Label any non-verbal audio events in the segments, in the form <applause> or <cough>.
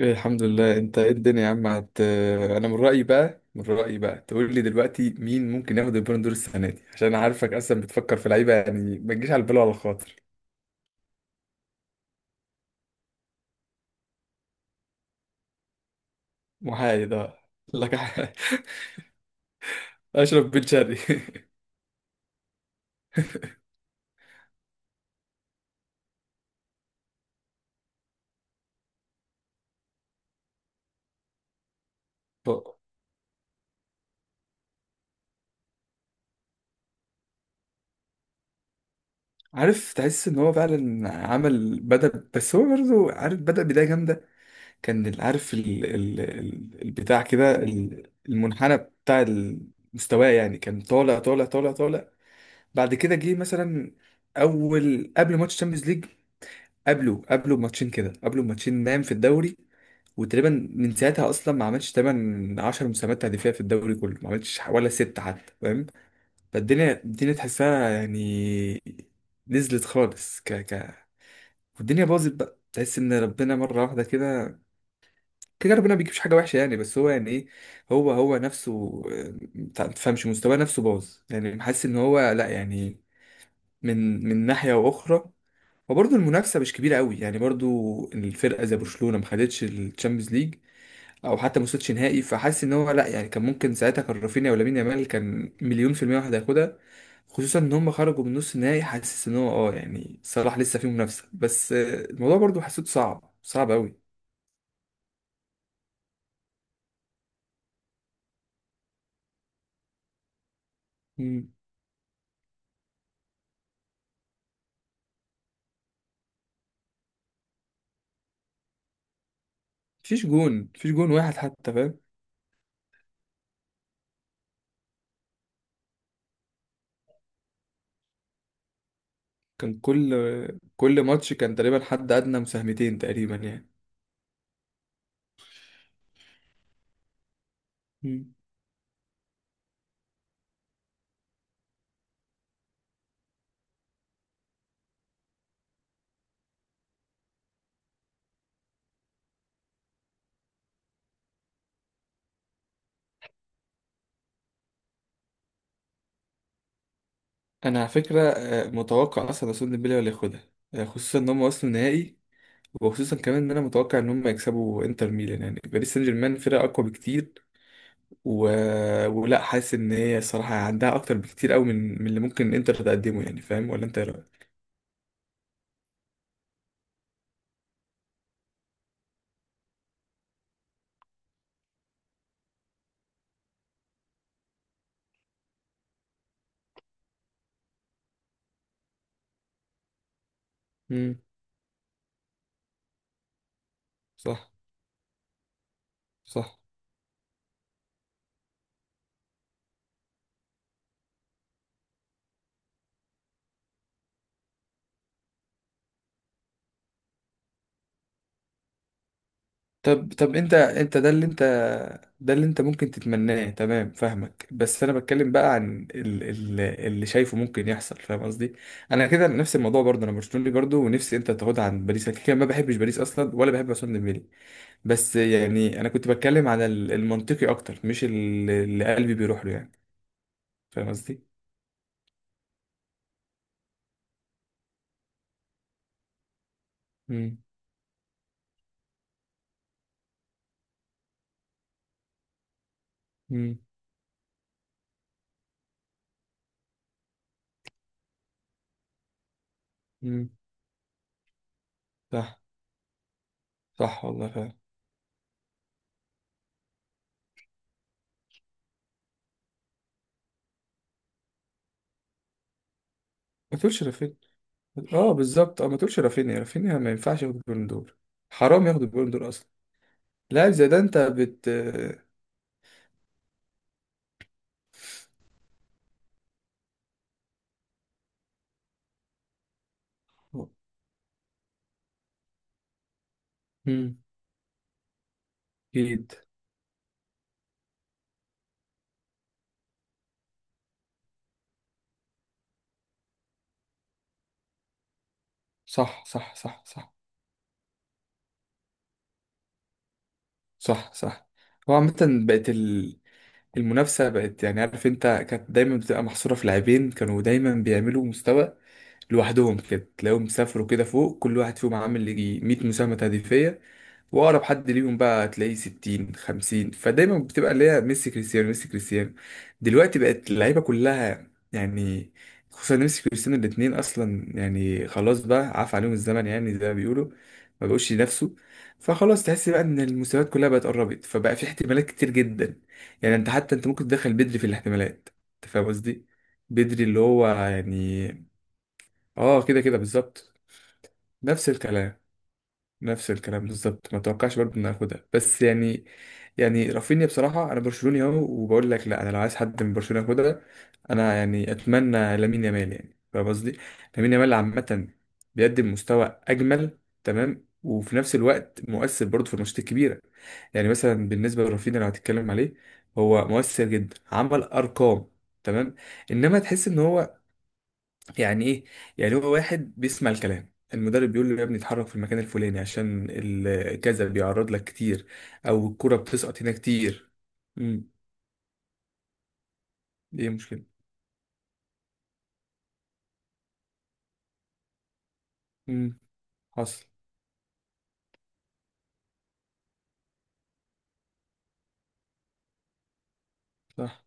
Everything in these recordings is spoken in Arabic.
إيه، الحمد لله. انت ايه الدنيا يا عم، انا من رأيي بقى تقول لي دلوقتي مين ممكن ياخد البالون دور السنة دي؟ عشان انا عارفك اصلا بتفكر في لعيبة، يعني ما تجيش على البال ولا الخاطر. محايد، اه. لك ح- <laughs> اشرف بن شرقي. <laughs> هو- عارف، تحس ان هو فعلا عمل بدأ، بس هو برضه عارف بدأ بداية جامدة. عارف البتاع كده، المنحنى بتاع المستوى، يعني كان طالع طالع طالع طالع. بعد كده جه مثلا اول قبل ماتش تشامبيونز ليج. قبله بماتشين كده، قبله بماتشين، نام في الدوري. وتقريبا من ساعتها اصلا ما عملش تمن 10 مساهمات تهديفيه في الدوري كله، ما عملش ولا ست حتى، فاهم. فالدنيا تحسها يعني، نزلت خالص ك ك والدنيا باظت بقى، تحس ان ربنا مره واحده كده، كده ربنا ما بيجيبش حاجه وحشه يعني، بس هو يعني ايه، هو نفسه آه، ما تفهمش مستواه نفسه باظ، يعني حاسس ان هو لا، يعني من ناحية أخرى. وبرضه المنافسة مش كبيرة قوي يعني، برضه الفرقة زي برشلونة ما خدتش الشامبيونز ليج، أو حتى ما وصلتش نهائي، فحاسس إن هو لأ، يعني كان ممكن ساعتها كان رافينيا ولامين يامال، كان مليون في المية واحد هياخدها، خصوصا إن هم خرجوا من نص النهائي. حاسس إن هو أه، يعني صلاح لسه فيه منافسة بس آه، الموضوع برضه حسيته صعب صعب قوي. مم. مفيش جون واحد حتى، فاهم. كان كل ماتش كان تقريبا حد أدنى مساهمتين تقريبا يعني. انا على فكره آه، متوقع اصلا عثمان ديمبلي هو اللي ياخدها، آه، خصوصا ان هم وصلوا النهائي. وخصوصا كمان ان انا متوقع ان هم يكسبوا انتر ميلان، يعني باريس سان جيرمان فرقه اقوى بكتير و... ولا حاسس ان هي الصراحه عندها اكتر بكتير قوي من اللي ممكن انتر تقدمه، يعني فاهم ولا انت ايه رايك؟ امم. صح. صح. طب انت ده اللي انت، ده اللي انت ممكن تتمناه، تمام فاهمك. بس انا بتكلم بقى عن ال اللي شايفه ممكن يحصل، فاهم قصدي. انا كده نفس الموضوع برضه، انا برشلوني برضه ونفسي انت تاخدها عن باريس. انا كده كده ما بحبش باريس اصلا ولا بحب عثمان ديمبلي، بس يعني انا كنت بتكلم على المنطقي اكتر مش اللي قلبي بيروح له يعني، فاهم قصدي. امم. امم. امم. صح، صح والله فعلا. ما تقولش رافينيا. اه بالظبط، اه، ما تقولش رافينيا. رافينيا ما ينفعش ياخد البالون دور، حرام ياخد البالون دور اصلا. لا زي ده انت بت. مم. اكيد. صح، صح، صح، صح. صح، صح. هو عامة، بقت ال... المنافسة بقت، يعني عارف انت، كانت دايما بتبقى محصورة في لاعبين كانوا دايما بيعملوا مستوى لوحدهم، كده تلاقيهم سافروا كده فوق، كل واحد فيهم عامل يجي 100 مساهمة هدفية، واقرب حد ليهم بقى هتلاقيه 60 50. فدايما بتبقى اللي هي ميسي كريستيانو، ميسي كريستيانو. دلوقتي بقت اللعيبه كلها يعني، خصوصا ميسي كريستيانو الاثنين اصلا يعني خلاص بقى، عاف عليهم الزمن يعني زي ما بيقولوا، ما بقوش ينافسوا. فخلاص تحس بقى ان المستويات كلها بقت قربت، فبقى في احتمالات كتير جدا، يعني انت حتى انت ممكن تدخل بدري في الاحتمالات. انت فاهم قصدي؟ بدري اللي هو يعني. اه كده كده بالظبط، نفس الكلام. نفس الكلام بالظبط، ما توقعش برضه ان اخدها، بس يعني، يعني رافينيا بصراحه، انا برشلوني اهو وبقول لك لا، انا لو عايز حد من برشلونه ياخدها، انا يعني اتمنى لامين يامال، يعني فاهم قصدي. لامين يامال عامه بيقدم مستوى اجمل، تمام، وفي نفس الوقت مؤثر برضه في الماتشات الكبيره. يعني مثلا بالنسبه لرافينيا اللي هتتكلم عليه، هو مؤثر جدا، عمل ارقام، تمام، انما تحس ان هو، يعني ايه، يعني هو واحد بيسمع الكلام، المدرب بيقول له يا ابني اتحرك في المكان الفلاني عشان كذا، بيعرض لك كتير، او الكرة بتسقط هنا كتير. امم. دي مشكلة. امم. حصل. صح.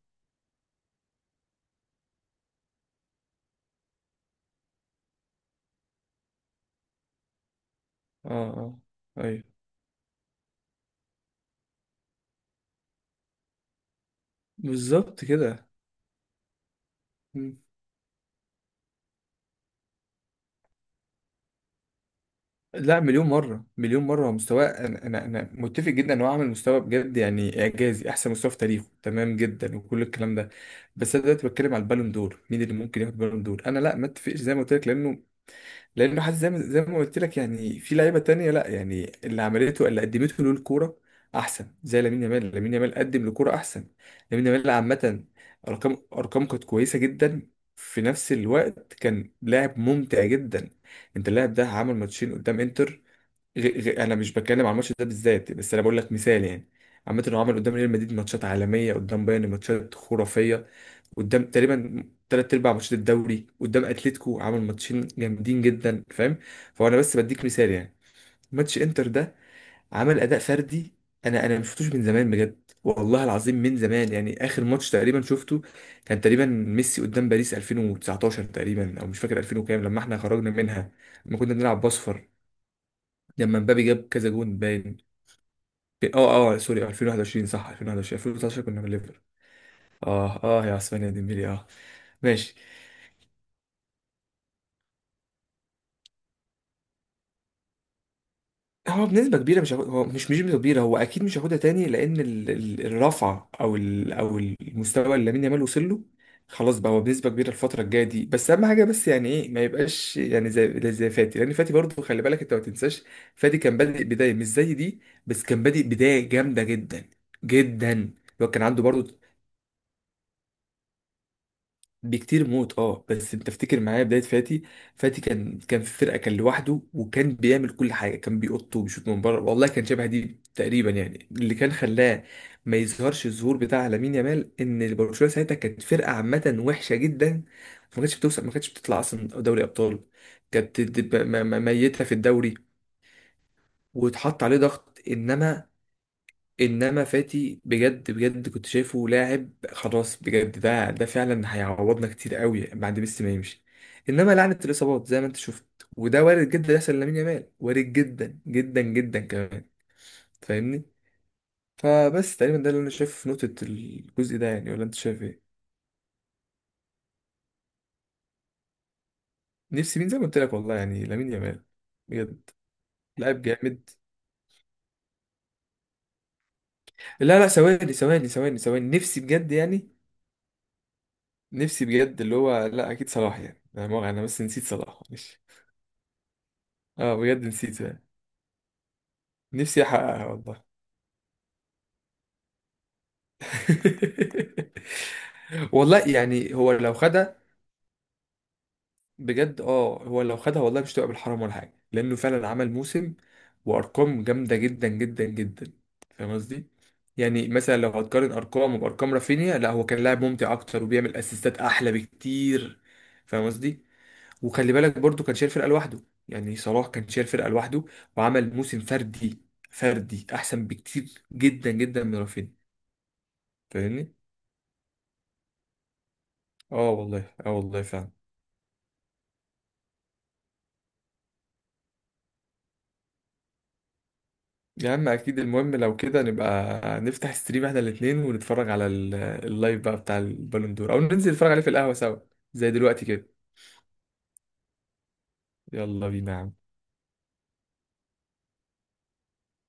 اه، اه، ايوه. بالظبط كده. مم. لا، مليون مرة مليون مرة هو مستواه، أنا متفق جدا إن هو عامل مستوى بجد يعني إعجازي، أحسن مستوى في تاريخه، تمام جدا وكل الكلام ده. بس أنا دلوقتي بتكلم على البالون دور، مين اللي ممكن ياخد بالون دور. أنا لا، ما أتفقش زي ما قلت لك، لأنه، لانه حاسس زي ما قلت لك يعني في لعيبه تانية، لا، يعني اللي عملته اللي قدمته له الكوره احسن، زي لامين يامال. لامين يامال قدم لكوره احسن. لامين يامال عامه، ارقام كانت كويسه جدا، في نفس الوقت كان لاعب ممتع جدا. انت اللاعب ده عمل ماتشين قدام انتر. انا مش بتكلم عن الماتش ده بالذات، بس انا بقول لك مثال يعني. عامه هو عمل قدام ريال مدريد ماتشات عالميه، قدام بايرن ماتشات خرافيه، قدام تقريبا تلات ارباع ماتشات الدوري، قدام اتلتيكو عمل ماتشين جامدين جدا، فاهم. فهو انا بس بديك مثال يعني، ماتش انتر ده عمل اداء فردي انا ما شفتوش من زمان بجد، والله العظيم، من زمان يعني، اخر ماتش تقريبا شفته كان تقريبا ميسي قدام باريس 2019 تقريبا، او مش فاكر، 2000 وكام، لما احنا خرجنا منها، لما كنا بنلعب باصفر، لما مبابي جاب كذا جون باين. اه اه سوري، 2021، صح 2021، 2019 كنا من ليفر. اه اه يا عثمان يا ديمبلي، اه. ماشي. هو بنسبة كبيرة مش هاخد- هو مش بنسبة كبيرة، هو أكيد مش هياخدها تاني لأن الرفعة أو ال أو المستوى اللي لامين يامال وصل له، خلاص بقى هو بنسبة كبيرة الفترة الجاية دي، بس أهم حاجة بس، يعني إيه، ما يبقاش يعني زي فاتي، لأن فاتي برضه خلي بالك أنت ما تنساش، فاتي كان بادئ بداية مش زي دي، بس كان بادئ بداية جامدة جدا، جدا. هو كان عنده برضه بكتير موت، اه، بس انت تفتكر معايا بدايه فاتي؟ فاتي كان في فرقه، كان لوحده وكان بيعمل كل حاجه، كان بيقط وبيشوط من بره والله، كان شبه دي تقريبا يعني، اللي كان خلاه ما يظهرش الظهور بتاع لامين يامال ان برشلونه ساعتها كانت فرقه عامه وحشه جدا، ما كانتش بتوصل، ما كانتش بتطلع اصلا دوري ابطال، كانت ميته في الدوري، واتحط عليه ضغط، انما فاتي بجد بجد كنت شايفه لاعب خلاص، بجد ده فعلا هيعوضنا كتير قوي بعد ميسي ما يمشي، انما لعنه الاصابات زي ما انت شفت، وده وارد جدا يحصل لامين يامال، وارد جدا جدا جدا كمان، فاهمني. فبس تقريبا ده اللي انا شايفه في نقطه الجزء ده يعني، ولا انت شايف ايه؟ نفسي مين، زي ما قلت لك والله، يعني لامين يامال، بجد، لاعب جامد. لا لا، ثواني ثواني ثواني ثواني، نفسي بجد يعني، نفسي بجد اللي هو لا، اكيد صلاح يعني، انا بس نسيت صلاح معلش. اه بجد نسيت بقى. نفسي احققها والله. <laughs> والله يعني هو لو خدها بجد، اه، هو لو خدها والله مش تبقى بالحرام ولا حاجه، لانه فعلا عمل موسم وارقام جامده جدا جدا جدا، فاهم قصدي. يعني مثلا لو هتقارن ارقامه بارقام رافينيا، لا، هو كان لاعب ممتع اكتر وبيعمل اسيستات احلى بكتير، فاهم قصدي. وخلي بالك برضو كان شايل فرقه لوحده. يعني صلاح كان شايل فرقه لوحده وعمل موسم فردي، فردي احسن بكتير جدا جدا من رافينيا، فاهمني. اه والله، اه والله فعلا. يا عم اكيد، المهم لو كده نبقى نفتح ستريم احنا الاتنين ونتفرج على اللايف بقى بتاع البالون دور، او ننزل نتفرج عليه في القهوة سوا زي دلوقتي كده. يلا بينا يا عم.